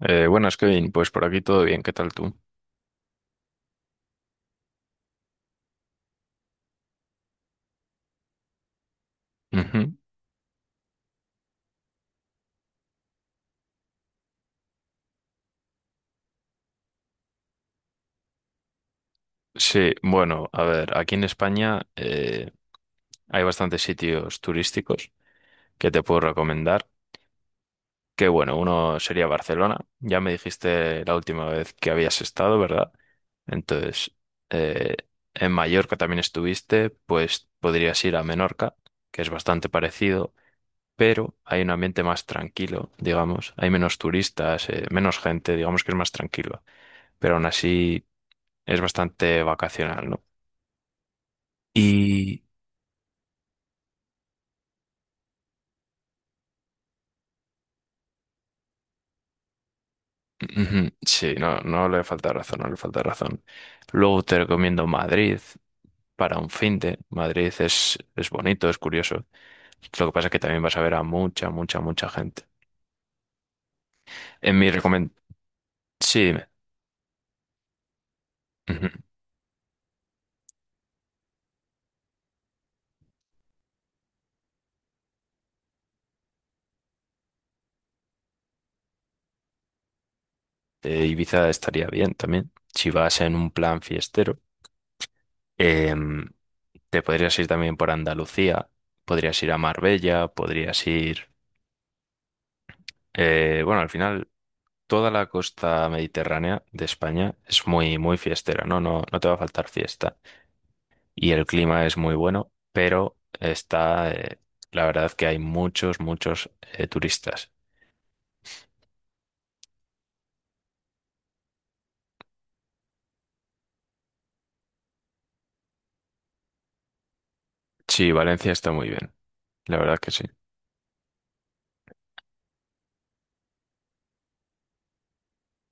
Buenas, Kevin. Pues por aquí todo bien. ¿Qué tal tú? Ujú. Sí, bueno, a ver, aquí en España hay bastantes sitios turísticos que te puedo recomendar. Que bueno, uno sería Barcelona. Ya me dijiste la última vez que habías estado, ¿verdad? Entonces, eh, en Mallorca también estuviste, pues podrías ir a Menorca, que es bastante parecido, pero hay un ambiente más tranquilo, digamos. Hay menos turistas, menos gente, digamos que es más tranquilo. Pero aún así es bastante vacacional, ¿no? Y ujú, sí, no, no le falta razón, no le falta razón. Luego te recomiendo Madrid para un fin de Madrid es bonito, es curioso. Lo que pasa es que también vas a ver a mucha gente. En mi recomendación, sí, dime. Ujú. Ibiza estaría bien también. Si vas en un plan fiestero, Em, te podrías ir también por Andalucía, podrías ir a Marbella, bueno, al final toda la costa mediterránea de España es muy fiestera, ¿no? No, no te va a faltar fiesta. Y el clima es muy bueno, pero está, la verdad que hay muchos turistas. Sí, Valencia está muy bien, la verdad que sí.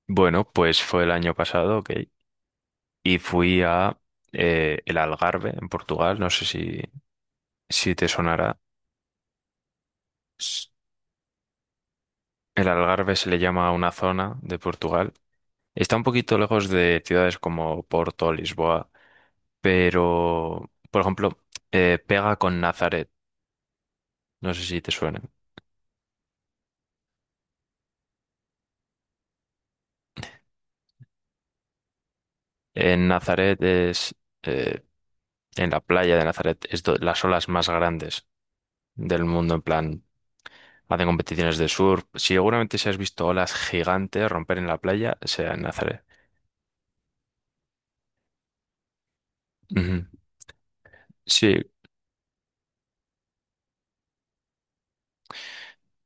Bueno, pues fue el año pasado, ok, y fui a el Algarve, en Portugal, no sé si te sonará. S- El Algarve se le llama a una zona de Portugal. Está un poquito lejos de ciudades como Porto, Lisboa, pero, por ejemplo, pega con Nazaret, no sé si te suena. En Nazaret eh, en la playa de Nazaret, es las olas más grandes del mundo, en plan, hacen competiciones de surf. Si seguramente si has visto olas gigantes romper en la playa, sea en Nazaret. Ujú. Sí,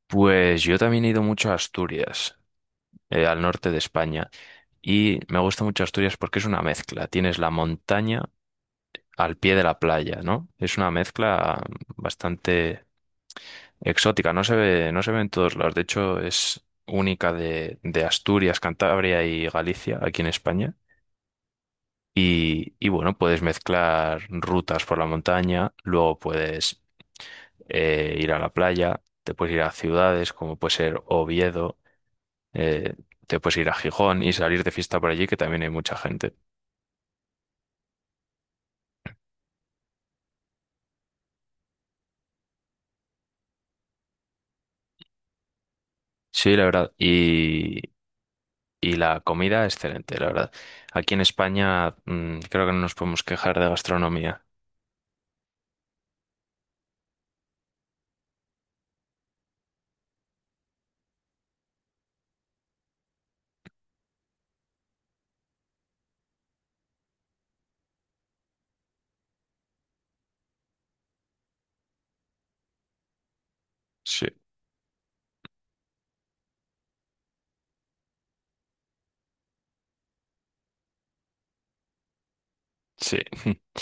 pues yo también he ido mucho a Asturias, al norte de España, y me gusta mucho Asturias porque es una mezcla. Tienes la montaña al pie de la playa, ¿no? Es una mezcla bastante exótica, no se ve, no se ve en todos lados. De hecho, es única de Asturias, Cantabria y Galicia, aquí en España. Y bueno, puedes mezclar rutas por la montaña, luego puedes ir a la playa, te puedes ir a ciudades como puede ser Oviedo, eh, te puedes ir a Gijón y salir de fiesta por allí, que también hay mucha gente. Sí, la verdad. Y la comida, excelente, la verdad. Aquí en España, creo que no nos podemos quejar de gastronomía. Sí, sí.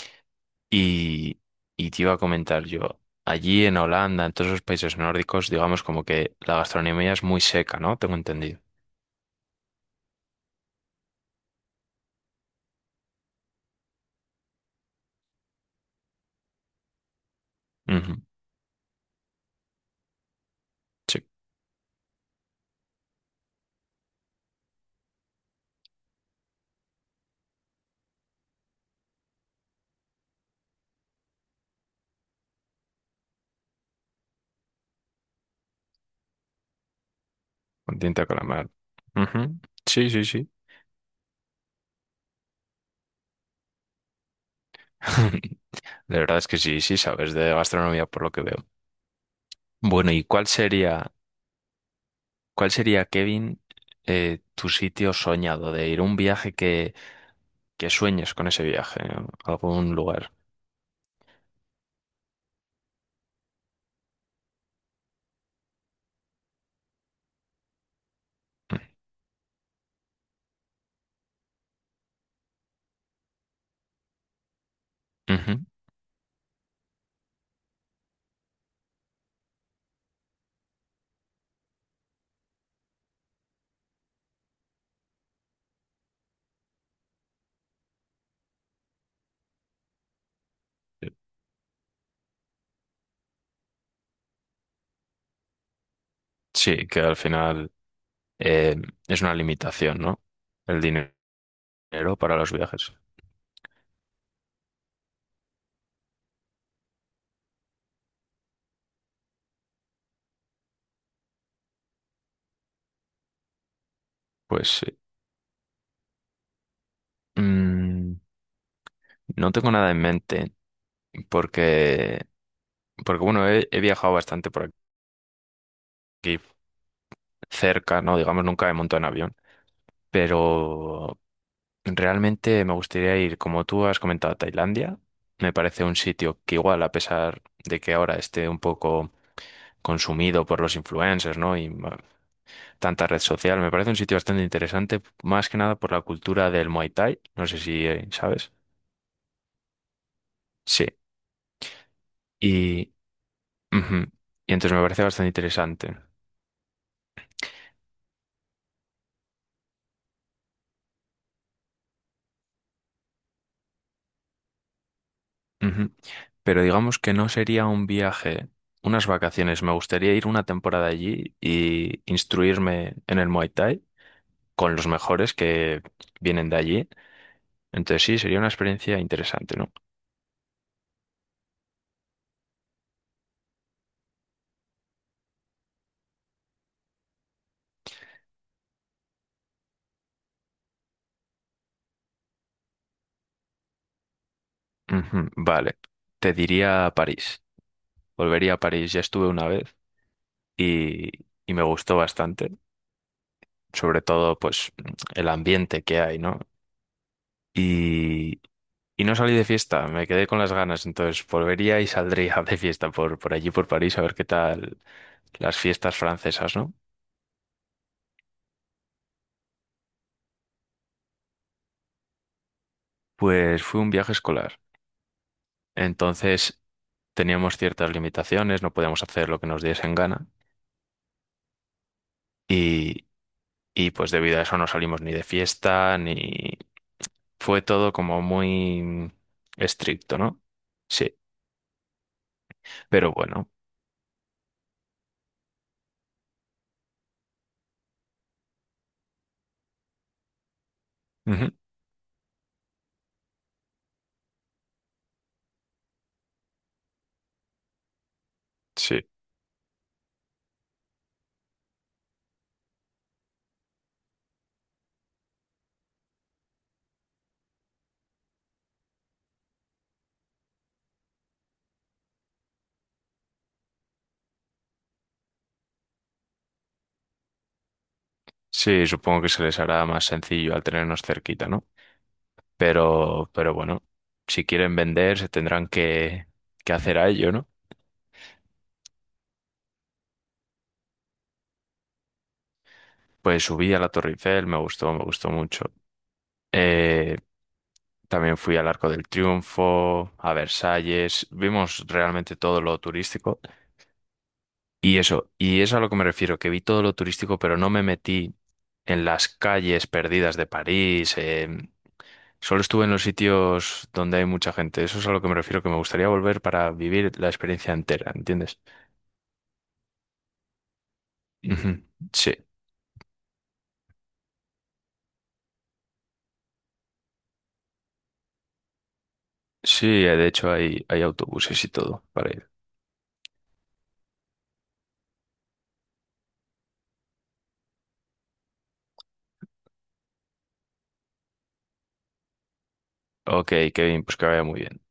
Y, y te iba a comentar yo, allí en Holanda, en todos los países nórdicos, digamos como que la gastronomía es muy seca, ¿no? Tengo entendido. Ujú, sí, con tinta de calamar. Ujú, sí, sí, sí. De verdad es que sí, sí sabes de gastronomía por lo que veo. Bueno, ¿y cuál cuál sería, Kevin, tu sitio soñado de ir? Un viaje que sueñes con ese viaje, ¿no? Algún lugar. Ujú. Sí, que al final eh, es una limitación, ¿no? El dinero. ¿Dinero para los viajes? Pues mm, no tengo nada en mente porque, porque bueno, he viajado bastante por aquí cerca, ¿no? Digamos, nunca he montado en avión, pero realmente me gustaría ir, como tú has comentado, a Tailandia. Me parece un sitio que igual, a pesar de que ahora esté un poco consumido por los influencers, ¿no? Y tanta red social, me parece un sitio bastante interesante, más que nada por la cultura del Muay Thai. No sé si sabes. Sí. Ujú. Y entonces me parece bastante interesante. Ujú. Pero digamos que no sería un viaje, unas vacaciones. Me gustaría ir una temporada allí y instruirme en el Muay Thai con los mejores que vienen de allí. Entonces sí, sería una experiencia interesante, ¿no? Ujú. Vale, te diría París. Volvería a París, ya estuve una vez y, y me gustó bastante, sobre todo pues el ambiente que hay, ¿no? y Y no salí de fiesta, me quedé con las ganas, entonces volvería y saldría de fiesta por allí, por París, a ver qué tal las fiestas francesas, ¿no? Pues fue un viaje escolar, entonces teníamos ciertas limitaciones, no podíamos hacer lo que nos diesen gana y, y pues debido a eso no salimos ni de fiesta, ni... Fue todo como muy estricto, ¿no? Sí, pero bueno, ujú, sí, sí, supongo que se les hará más sencillo al tenernos cerquita, ¿no? Pero bueno, si quieren vender, se tendrán que hacer a ello, ¿no? Pues subí a la Torre Eiffel, me gustó mucho. Eh, también fui al Arco del Triunfo, a Versalles, vimos realmente todo lo turístico. Y eso, y es a lo que me refiero, que vi todo lo turístico, pero no me metí en las calles perdidas de París. Solo estuve en los sitios donde hay mucha gente. Eso es a lo que me refiero, que me gustaría volver para vivir la experiencia entera, ¿entiendes? Ujú, sí. Sí, de hecho hay autobuses y todo para ir. Ok, Kevin, pues que vaya muy bien.